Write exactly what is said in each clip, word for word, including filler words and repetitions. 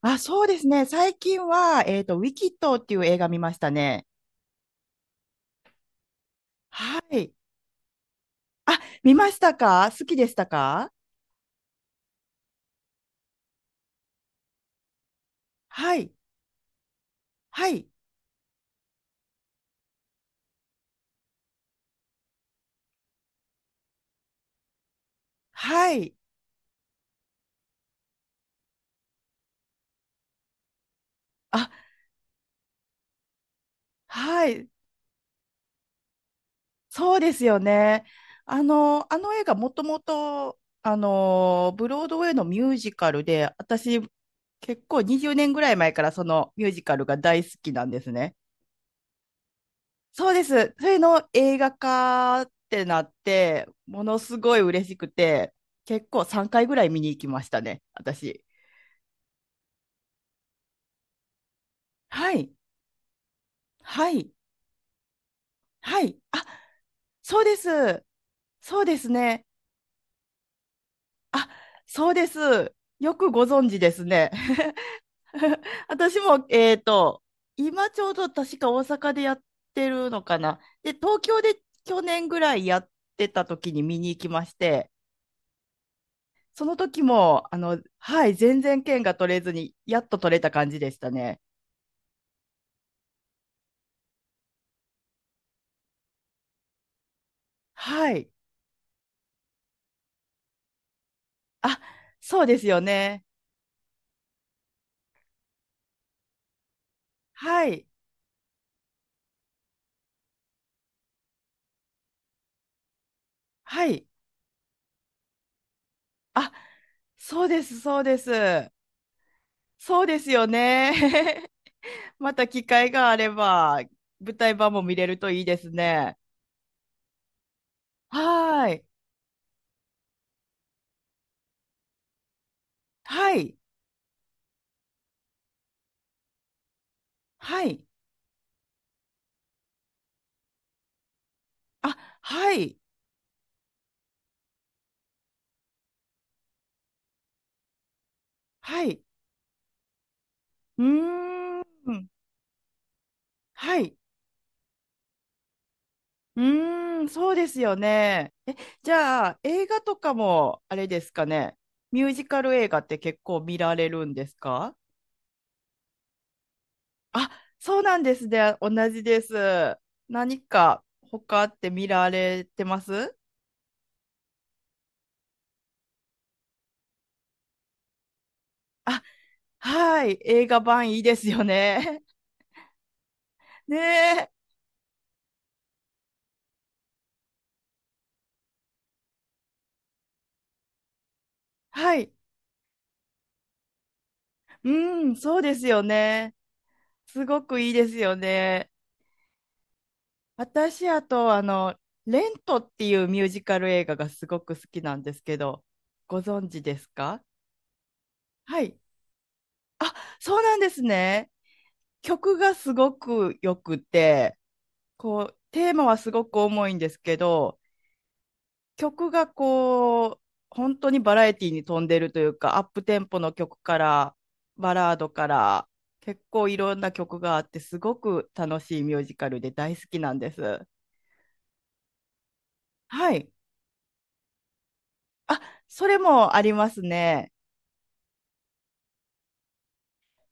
あ、そうですね。最近は、えっと、ウィキッドっていう映画見ましたね。はい。あ、見ましたか？好きでしたか？はい。はい。はい。あ、はい。そうですよね。あの、あの映画もともと、あの、ブロードウェイのミュージカルで、私、結構にじゅうねんぐらい前からそのミュージカルが大好きなんですね。そうです。それの映画化ってなって、ものすごい嬉しくて、結構さんかいぐらい見に行きましたね、私。はい、はい、はい。あ、そうです。そうですね。あ、そうです。よくご存知ですね。私も、えっと、今ちょうど確か大阪でやってるのかな。で、東京で去年ぐらいやってた時に見に行きまして、その時も、あの、はい、全然券が取れずに、やっと取れた感じでしたね。はい。あ、そうですよね。はい。はい。あ、そうです、そうです。そうですよね。また機会があれば、舞台版も見れるといいですね。はーい。はい。はい。あ、はい。はい。うーん。はい。うーん、そうですよね。え、じゃあ、映画とかも、あれですかね。ミュージカル映画って結構見られるんですか？あ、そうなんですね。同じです。何か他って見られてます？あ、はい。映画版いいですよね。ねえ。はい。うん、そうですよね。すごくいいですよね。私、あと、あの、レントっていうミュージカル映画がすごく好きなんですけど、ご存知ですか？はい。あ、そうなんですね。曲がすごく良くて、こう、テーマはすごく重いんですけど、曲がこう、本当にバラエティに富んでるというか、アップテンポの曲から、バラードから、結構いろんな曲があって、すごく楽しいミュージカルで大好きなんです。はい。あ、それもありますね。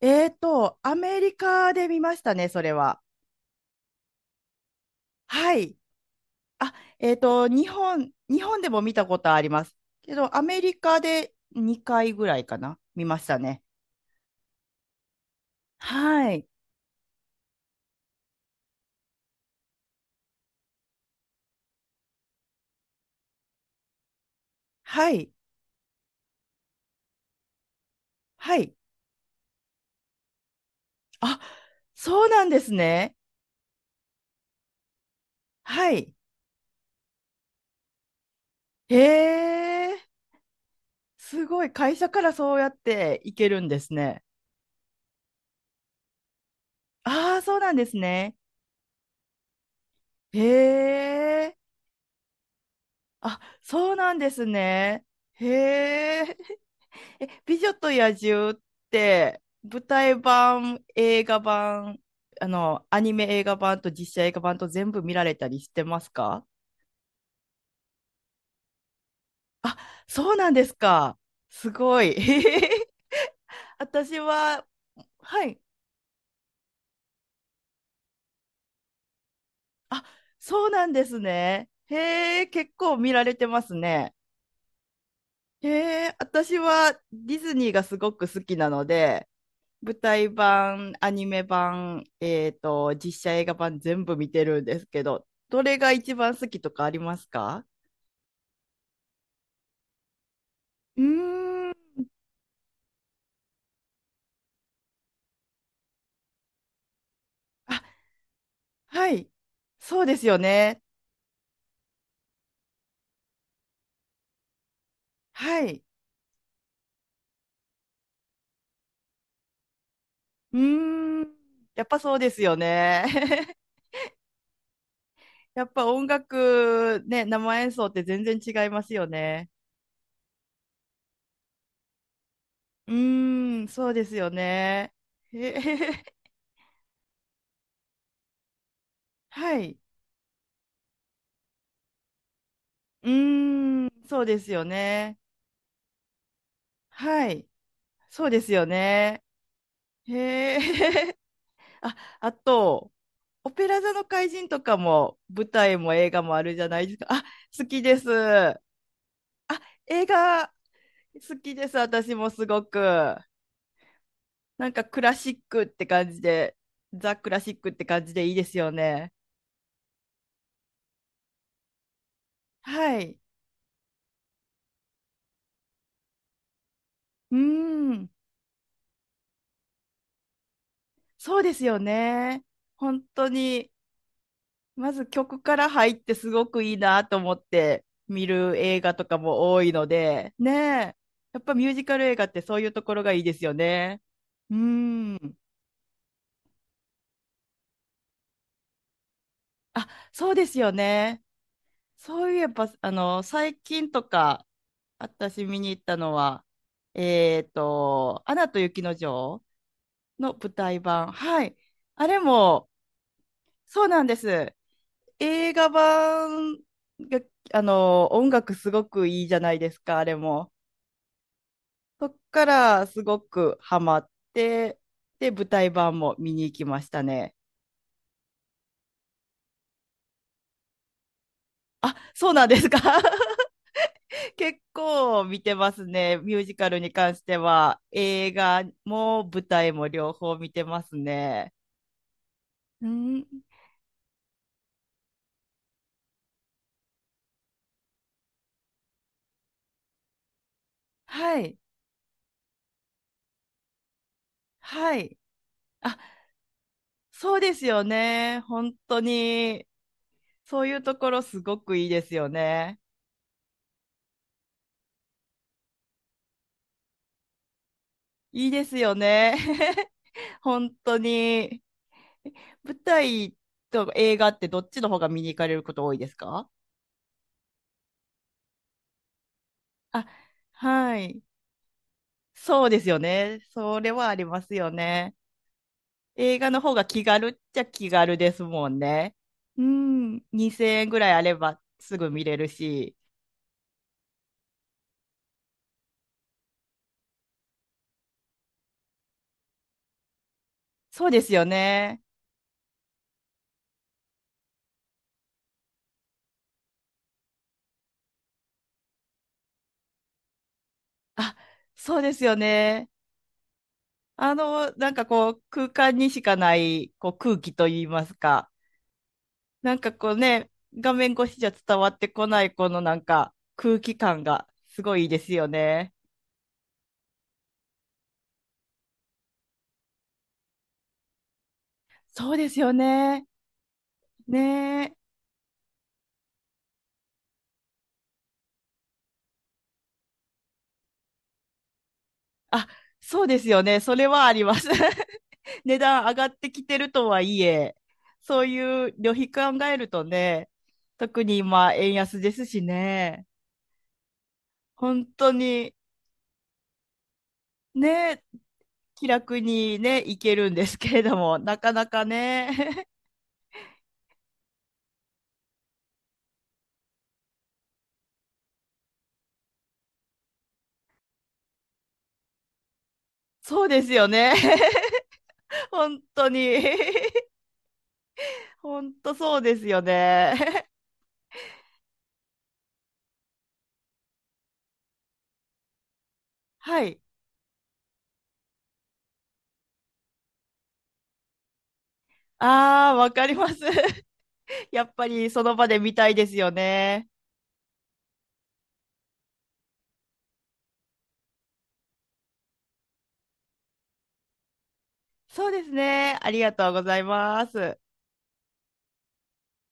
えーと、アメリカで見ましたね、それは。はい。あ、えーと、日本、日本でも見たことあります。けど、アメリカでにかいぐらいかな、見ましたね。はい。はい。はい。あ、そうなんですね。はい。へえ、すごい。会社からそうやって行けるんですね。ああ、そうなんですね。へえ。あ、そうなんですね。へえ。え、美女と野獣って舞台版、映画版、あの、アニメ映画版と実写映画版と全部見られたりしてますか？あ、そうなんですか。すごい。私は、はい。あ、そうなんですね。へえ、結構見られてますね。へえ、私はディズニーがすごく好きなので、舞台版、アニメ版、えっと、実写映画版全部見てるんですけど、どれが一番好きとかありますか？うーん。あ、はい。そうですよね。はい。うーん。やっぱそうですよね。やっぱ音楽、ね、生演奏って全然違いますよね。うーん、そうですよね。へへ はい。うーん、そうですよね。はい。そうですよね。へえ。あ、あと、オペラ座の怪人とかも、舞台も映画もあるじゃないですか。あ、好きです。あ、映画好きです。私もすごく。なんかクラシックって感じで、ザ・クラシックって感じでいいですよね。はい。うーん。そうですよね。本当にまず曲から入ってすごくいいなと思って見る映画とかも多いので、ねえ、やっぱミュージカル映画ってそういうところがいいですよね。うーん。あ、そうですよね。そういえば、あの、最近とか、私見に行ったのは、えっと、アナと雪の女王の舞台版。はい。あれも、そうなんです。映画版が、あの、音楽すごくいいじゃないですか、あれも。そっからすごくハマって、で、舞台版も見に行きましたね。あ、そうなんですか？ 結構見てますね。ミュージカルに関しては、映画も舞台も両方見てますね。うん、はい、はい。あ、そうですよね。本当に、そういうところすごくいいですよね。いいですよね。本当に。舞台と映画ってどっちの方が見に行かれること多いですか？あ、はい。そうですよね。それはありますよね。映画の方が気軽っちゃ気軽ですもんね。うん、にせんえんぐらいあればすぐ見れるし。そうですよね。あ、そうですよね。あの、なんかこう、空間にしかないこう空気といいますか、なんかこうね、画面越しじゃ伝わってこないこのなんか空気感がすごいいいですよね。そうですよね。ねえ。あ、そうですよね。それはあります。値段上がってきてるとはいえ、そういう旅費考えるとね、特に今円安ですしね、本当にね、気楽にね、行けるんですけれども、なかなかね、そうですよね。本当に。ほんとそうですよね。はい。ああ、わかります。やっぱりその場で見たいですよね。そうですね。ありがとうございます。